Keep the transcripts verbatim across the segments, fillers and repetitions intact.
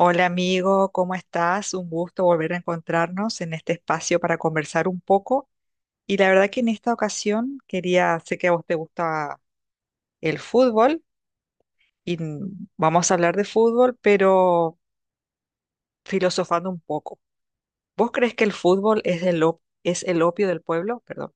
Hola amigo, ¿cómo estás? Un gusto volver a encontrarnos en este espacio para conversar un poco. Y la verdad que en esta ocasión quería, sé que a vos te gusta el fútbol y n- vamos a hablar de fútbol, pero filosofando un poco. ¿Vos crees que el fútbol es el, op- es el opio del pueblo? Perdón.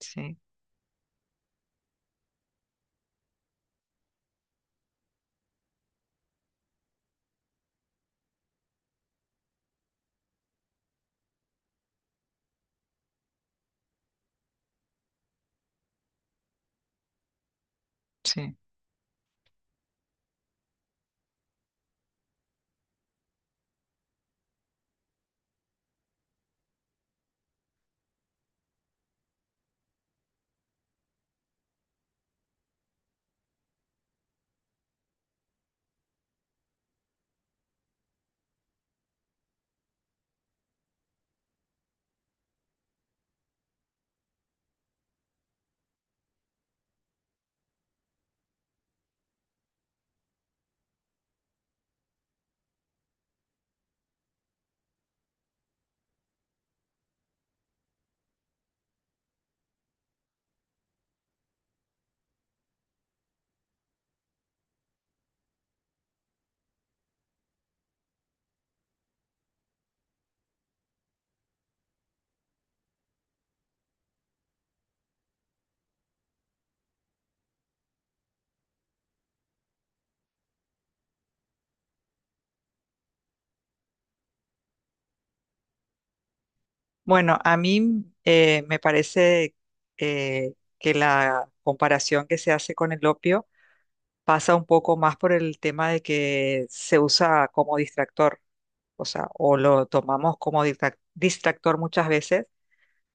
Sí, sí. Bueno, a mí eh, me parece eh, que la comparación que se hace con el opio pasa un poco más por el tema de que se usa como distractor, o sea, o lo tomamos como distrac- distractor muchas veces,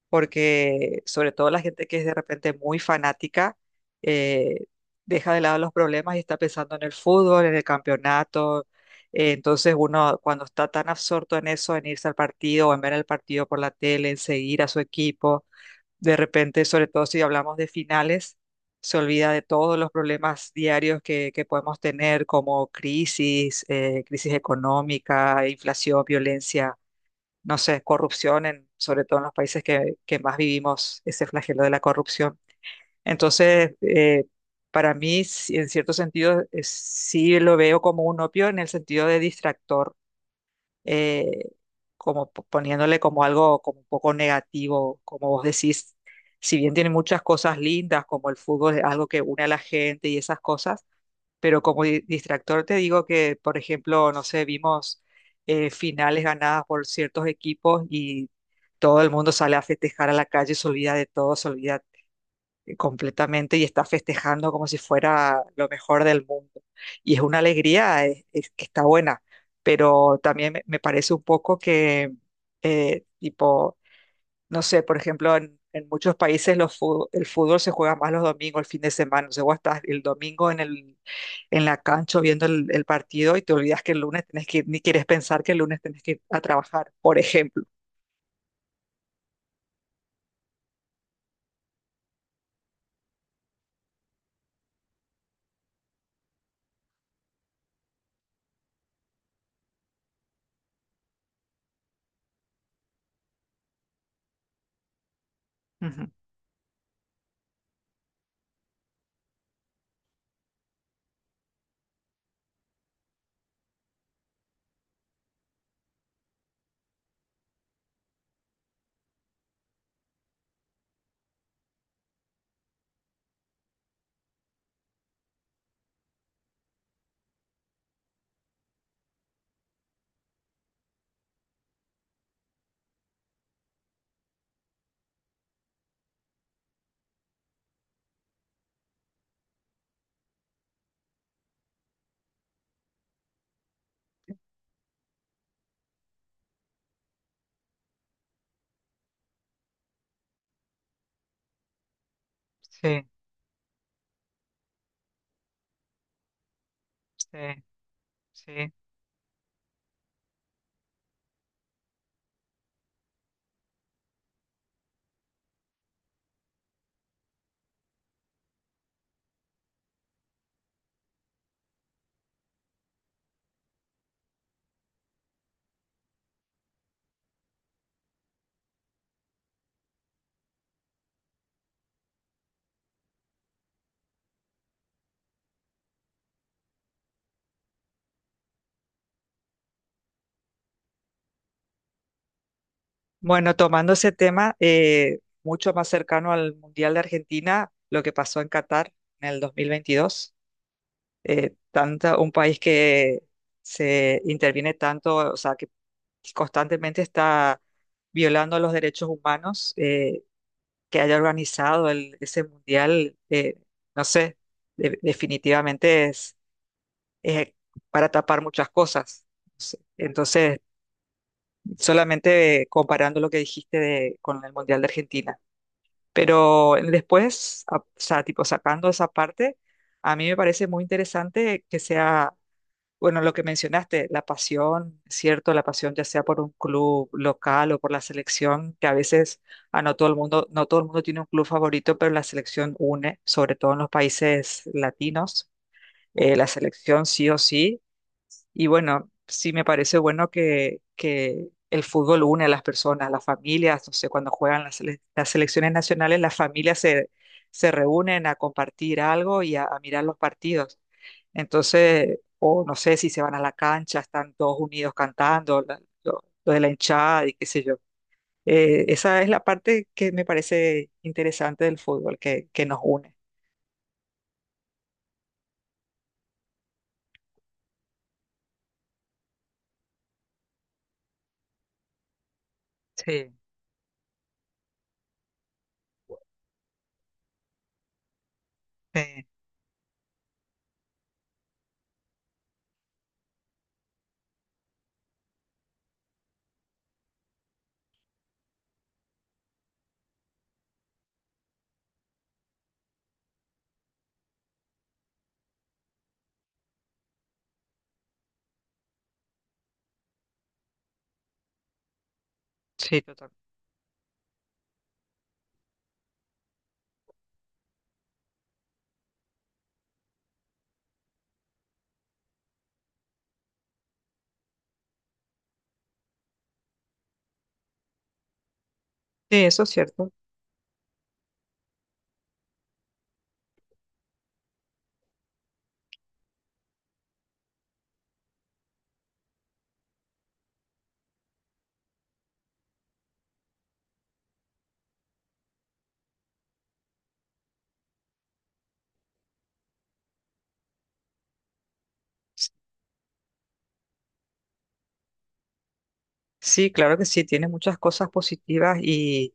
porque sobre todo la gente que es de repente muy fanática, eh, deja de lado los problemas y está pensando en el fútbol, en el campeonato. Eh, entonces uno cuando está tan absorto en eso, en irse al partido o en ver el partido por la tele, en seguir a su equipo de repente, sobre todo si hablamos de finales, se olvida de todos los problemas diarios que, que podemos tener, como crisis, eh, crisis económica, inflación, violencia, no sé, corrupción, en, sobre todo en los países que, que más vivimos ese flagelo de la corrupción. Entonces, eh, para mí, sí, en cierto sentido, eh, sí lo veo como un opio en el sentido de distractor eh, como po- poniéndole como algo como un poco negativo, como vos decís, si bien tiene muchas cosas lindas, como el fútbol es algo que une a la gente y esas cosas, pero como di- distractor te digo que, por ejemplo, no sé, vimos eh, finales ganadas por ciertos equipos y todo el mundo sale a festejar a la calle, se olvida de todo, se olvida completamente y está festejando como si fuera lo mejor del mundo. Y es una alegría eh, es que está buena, pero también me, me parece un poco que, eh, tipo, no sé, por ejemplo, en, en muchos países los fu- el fútbol se juega más los domingos, el fin de semana. O sea, vos estás el domingo en, el, en la cancha viendo el, el partido y te olvidas que el lunes tenés que ir, ni quieres pensar que el lunes tenés que ir a trabajar, por ejemplo. Ujú. Sí, sí, sí. Bueno, tomando ese tema eh, mucho más cercano al Mundial de Argentina, lo que pasó en Qatar en el dos mil veintidós, eh, tanto, un país que se interviene tanto, o sea, que constantemente está violando los derechos humanos, eh, que haya organizado el- ese Mundial, eh, no sé, de- definitivamente es, es para tapar muchas cosas. Entonces, solamente comparando lo que dijiste de- con el Mundial de Argentina. Pero después, a- o sea, tipo sacando esa parte, a mí me parece muy interesante que sea, bueno, lo que mencionaste, la pasión, ¿cierto? La pasión ya sea por un club local o por la selección, que a veces, a no todo el mundo, no todo el mundo tiene un club favorito, pero la selección une, sobre todo en los países latinos. Eh, la selección sí o sí y bueno, sí me parece bueno que, que el fútbol une a las personas, las familias, no sé, cuando juegan las, sele- las selecciones nacionales, las familias se, se reúnen a compartir algo y a, a mirar los partidos. Entonces, o no sé si se van a la cancha, están todos unidos cantando, la- lo, lo de la hinchada y qué sé yo. Eh, esa es la parte que me parece interesante del fútbol, que, que nos une. Sí, sí, sí, total. Sí, eso es cierto. Sí, claro que sí, tiene muchas cosas positivas y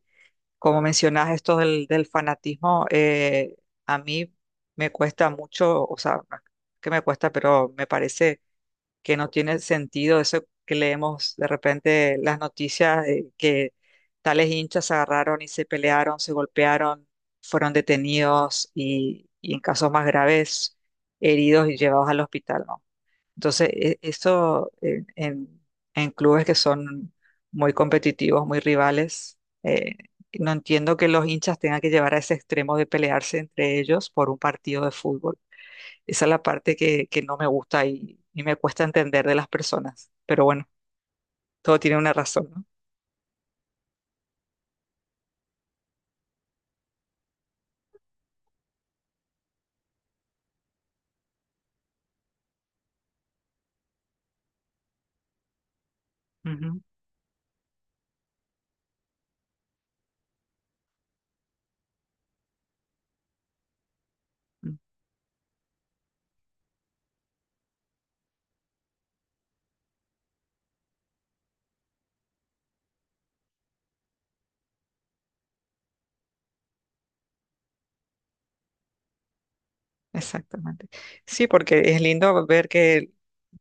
como mencionas esto del, del fanatismo, eh, a mí me cuesta mucho, o sea, no es que me cuesta, pero me parece que no tiene sentido eso que leemos de repente las noticias de que tales hinchas se agarraron y se pelearon, se golpearon, fueron detenidos y, y en casos más graves heridos y llevados al hospital, ¿no? Entonces, e- esto en, en- en clubes que son muy competitivos, muy rivales, eh, no entiendo que los hinchas tengan que llevar a ese extremo de pelearse entre ellos por un partido de fútbol. Esa es la parte que, que no me gusta y, y me cuesta entender de las personas. Pero bueno, todo tiene una razón, ¿no? Ujú, mm, exactamente. Sí, porque es lindo ver que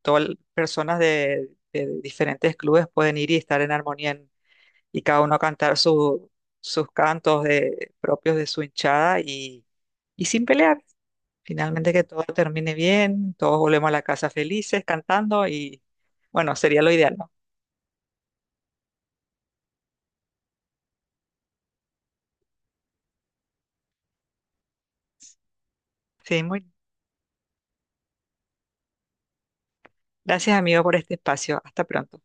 todas las personas de, de diferentes clubes pueden ir y estar en armonía y cada uno a cantar su- sus cantos de- propios de su hinchada y, y sin pelear. Finalmente que todo termine bien, todos volvemos a la casa felices cantando y bueno, sería lo ideal, ¿no? Sí, muy gracias amigo por este espacio. Hasta pronto.